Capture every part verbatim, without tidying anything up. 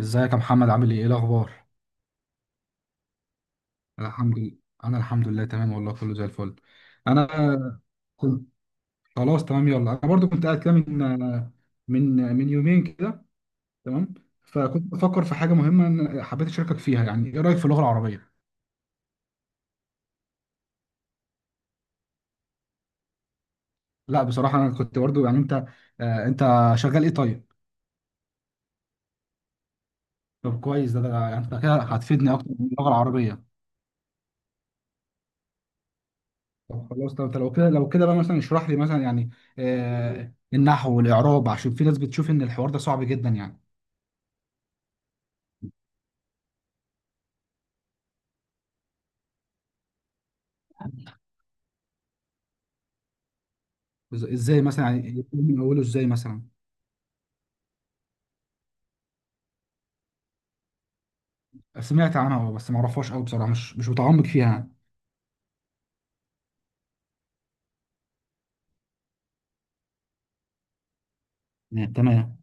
ازيك يا محمد؟ عامل ايه ايه الاخبار؟ الحمد لله. انا الحمد لله تمام، والله كله زي الفل. انا كنت خلاص تمام، يلا انا برضو كنت قاعد كده من من من يومين كده. تمام. فكنت بفكر في حاجه مهمه إن حبيت اشاركك فيها، يعني ايه رايك في اللغه العربيه؟ لا بصراحه انا كنت برضو يعني انت آه، انت شغال ايه طيب؟ طب كويس، ده, ده يعني انت كده هتفيدني اكتر من اللغه العربيه. طب خلاص، طب طب لو كده لو كده بقى مثلا اشرح لي مثلا، يعني آه، النحو والاعراب، عشان في ناس بتشوف ان الحوار ده صعب جدا يعني. بز- ازاي مثلا؟ يعني من اوله ازاي مثلا؟ سمعت عنها اه بس ما اعرفهاش قوي بصراحه، مش مش متعمق فيها يعني. نعم، تمام.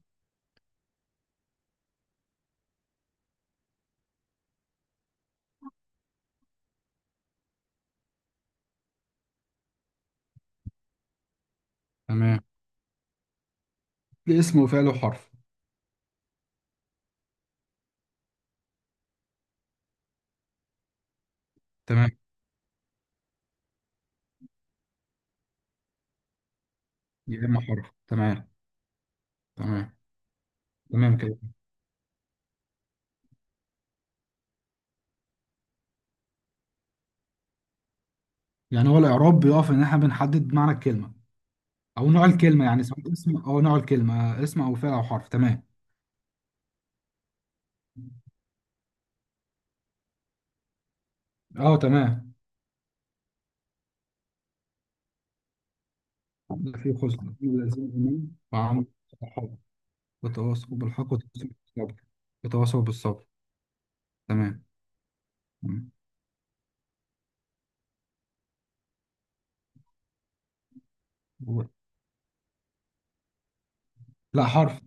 تمام، اسم وفعل وحرف. تمام، يا اما حرف. تمام. تمام تمام كده. يعني هو الاعراب بيقف ان احنا بنحدد معنى الكلمه او نوع الكلمه، يعني سواء اسم، او نوع الكلمه اسم او فعل او حرف. تمام. اه تمام. ده في خزن لازم امين وعمل. الصحابه. وتواصوا بالحق. وتواصوا بالصبر. وتواصوا بالصبر. تمام. تمام. لا، حرف.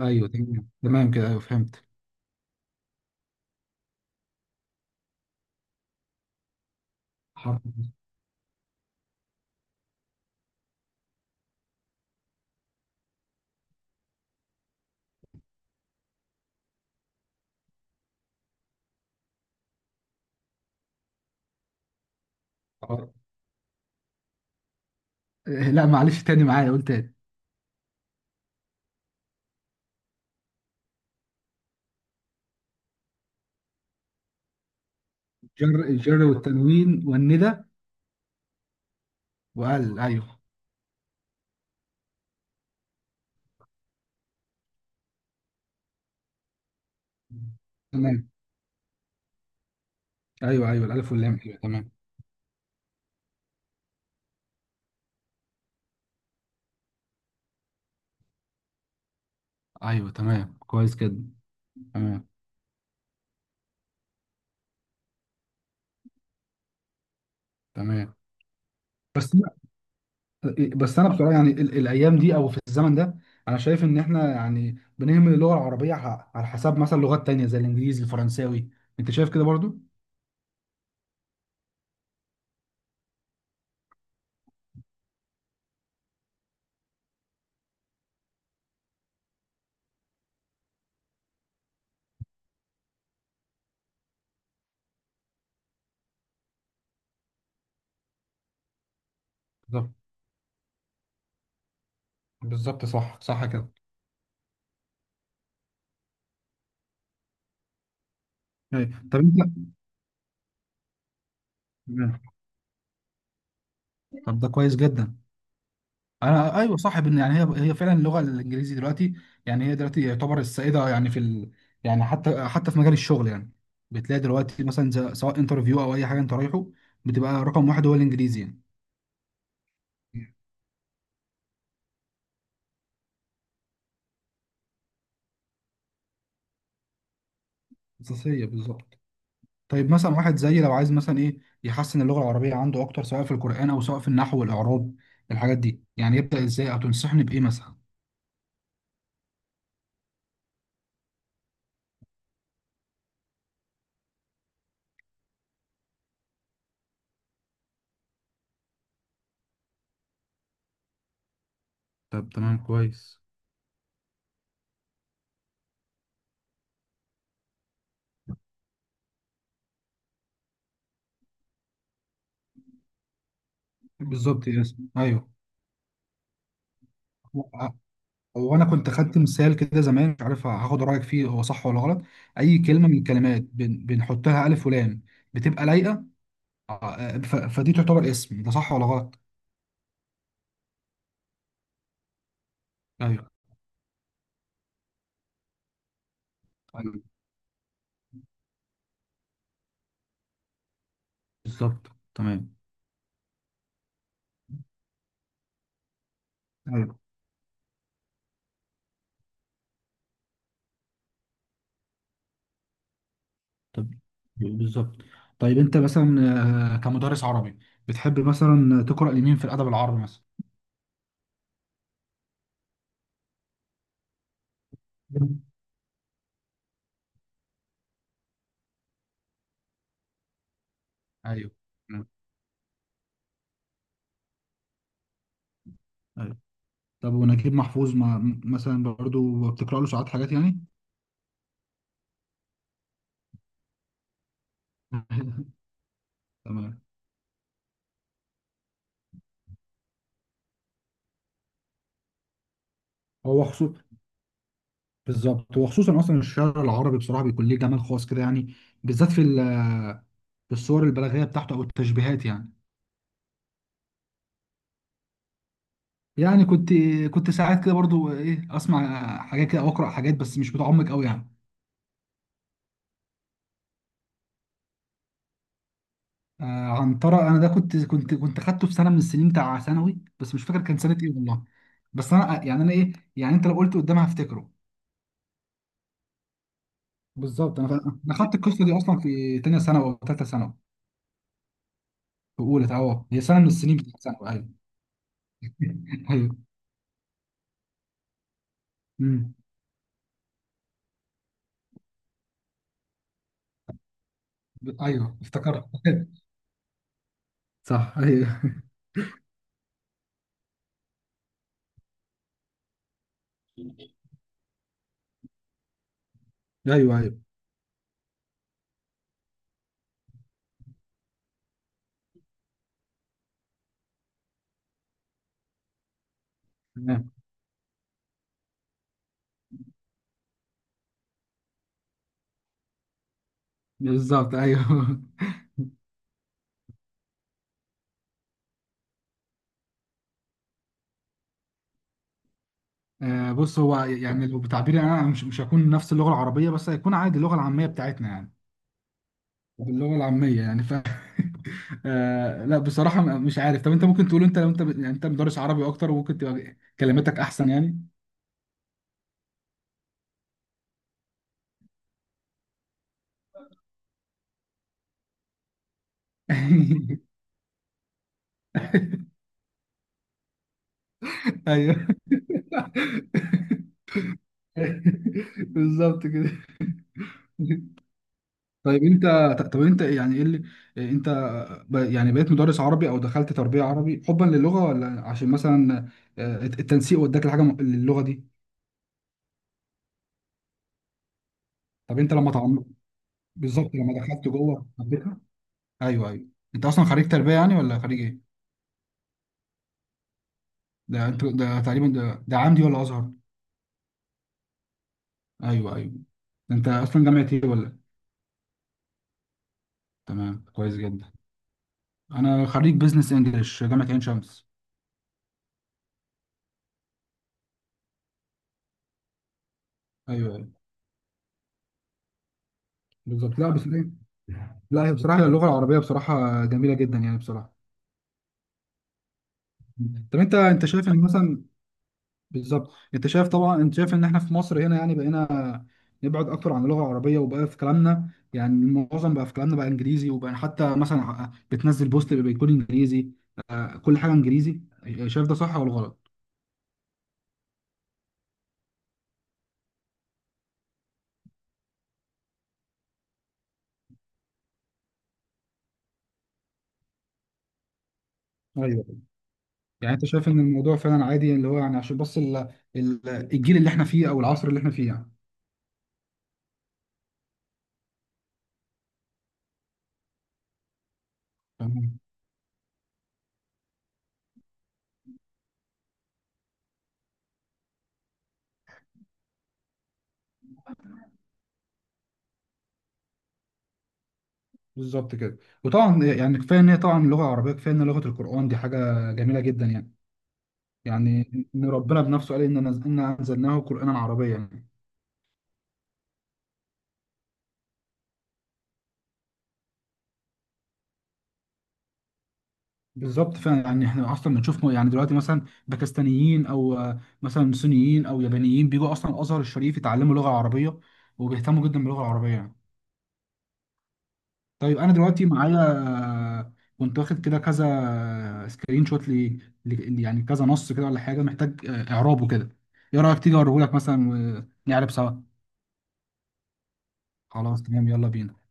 ايوه تمام، تمام كده، ايوه فهمت. حرف الجر. آه، لا معلش تاني معايا، قول تاني. الجر الجر والتنوين والندى وال، ايوه. تمام. ايوه ايوه، الالف واللام، ايوه تمام. ايوه تمام، كويس جدا. تمام. تمام. بس أنا- بس انا بصراحه يعني ال- الايام دي او في الزمن ده انا شايف ان احنا يعني بنهمل اللغه العربيه ع- على حساب مثلا لغات تانية زي الانجليزي، الفرنساوي. انت شايف كده برضو؟ بالظبط. بالظبط، صح صح كده. أيوة. طب انت. تمام. طب ده كويس جدا. انا ايوه صح، بان يعني هي هي فعلا اللغه الانجليزي دلوقتي، يعني هي دلوقتي يعتبر السائده، يعني في ال... يعني حتى حتى في مجال الشغل يعني، بتلاقي دلوقتي مثلا ز- سواء انترفيو او اي حاجه انت رايحه بتبقى رقم واحد هو الانجليزي يعني. اساسيه، بالظبط. طيب مثلا واحد زيي لو عايز مثلا ايه يحسن اللغه العربيه عنده اكتر، سواء في القران او سواء في النحو والاعراب، الحاجات دي يعني يبدا ازاي؟ او تنصحني بايه مثلا؟ طب تمام، كويس. بالظبط، يس ايوه. هو انا كنت خدت مثال كده زمان، مش عارف هاخد رايك فيه هو صح ولا غلط. اي كلمه من الكلمات بن- بنحط لها الف ولام بتبقى لايقه، آه، آه، ف- فدي تعتبر اسم. ده صح ولا غلط؟ ايوه. ايوه. بالظبط. تمام. ايوه. طب. بالظبط. طيب انت مثلا، آه، كمدرس عربي، بتحب مثلا تقرا لمين في الادب العربي مثلا؟ مم. ايوه. تمام. ايوه. طب ونجيب محفوظ ما مثلا برضو بتقرا له ساعات حاجات يعني؟ تمام. هو خصوص بالظبط، وخصوصا اصلا الشعر العربي بصراحه بيكون ليه جمال خاص كده يعني، بالذات في ال- في الصور البلاغيه بتاعته او التشبيهات يعني. يعني كنت كنت ساعات كده برضو ايه، اسمع حاجات كده او اقرا حاجات، بس مش متعمق قوي يعني. آه عنترة، انا ده كنت كنت كنت خدته في سنه من السنين بتاع ثانوي، بس مش فاكر كان سنه ايه والله. بس انا يعني انا ايه يعني، انت لو قلت قدامها هفتكره. بالظبط. انا فا- انا خدت القصه دي اصلا في تانية ثانوي او ثالثه ثانوي. في اولى، اه، هي سنه من السنين بتاعت ثانوي ايوه. ايوه. مم. ايوه افتكرت. صح ايوه. ايوه، ايوه. تمام. بالظبط ايوه. آه، بص هو يعني لو بتعبيري انا، مش مش هكون نفس اللغه العربيه، بس هيكون عادي اللغه العاميه بتاعتنا يعني. باللغه العاميه يعني ف آه لا بصراحه م- مش عارف. طب انت ممكن تقول، انت لو انت يعني انت مدرس عربي اكتر وممكن تبقى كلماتك احسن يعني. ايوه. بالظبط كده. طيب انت طب انت يعني ايه اللي اه، انت ب- يعني بقيت مدرس عربي او دخلت تربية عربي حبا للغة، ولا عشان مثلا آه، التنسيق وداك لحاجة م- للغة دي؟ طب انت لما تعمق، بالظبط لما دخلت جوه حبيتها. ايوه ايوه. انت اصلا خريج تربية يعني، ولا خريج ايه؟ ده انت ده تقريبا، ده, ده عمدي ولا ازهر؟ ايوه، ايوه. ده انت اصلا جامعة ايه ولا؟ تمام كويس جدا. انا خريج بزنس انجلش، جامعة عين شمس. ايوه، ايوه. بالظبط، لا بس ايه. لا، هي بصراحة اللغة العربية بصراحة جميلة جدا يعني بصراحة. طب انت انت شايف ان مثلا، بالظبط انت شايف، طبعا انت شايف ان احنا في مصر هنا يعني بقينا نبعد اكتر عن اللغه العربيه، وبقى في كلامنا يعني معظم بقى في كلامنا بقى انجليزي، وبقى حتى مثلا بتنزل بوست بيكون انجليزي، آه، كل حاجه انجليزي. شايف ده صح ولا غلط؟ ايوه. يعني انت شايف ان الموضوع فعلا عادي، اللي هو يعني عشان بس ال- ال- الجيل اللي احنا فيه او العصر اللي احنا فيه يعني. تمام. بالظبط كده. وطبعا يعني كفايه ان هي طبعا اللغه العربيه كفايه ان لغه القرآن، دي حاجه جميله جدا يعني. يعني ان ربنا بنفسه قال ان نز- انا انزلناه قرانا عربيا يعني. بالظبط فعلا، يعني احنا اصلا بنشوف م- يعني دلوقتي مثلا باكستانيين، او آه، مثلا صينيين، او يابانيين بيجوا اصلا الازهر الشريف يتعلموا لغه عربيه، وبيهتموا جدا باللغه العربيه يعني. طيب انا دلوقتي معايا، آه، كنت واخد كده كذا سكرين شوت، لي لي- لي- يعني كذا نص كده ولا حاجه محتاج آه، اعرابه كده. ايه رايك تيجي اوريهولك مثلا، ونعرب سوا؟ خلاص تمام، يلا بينا.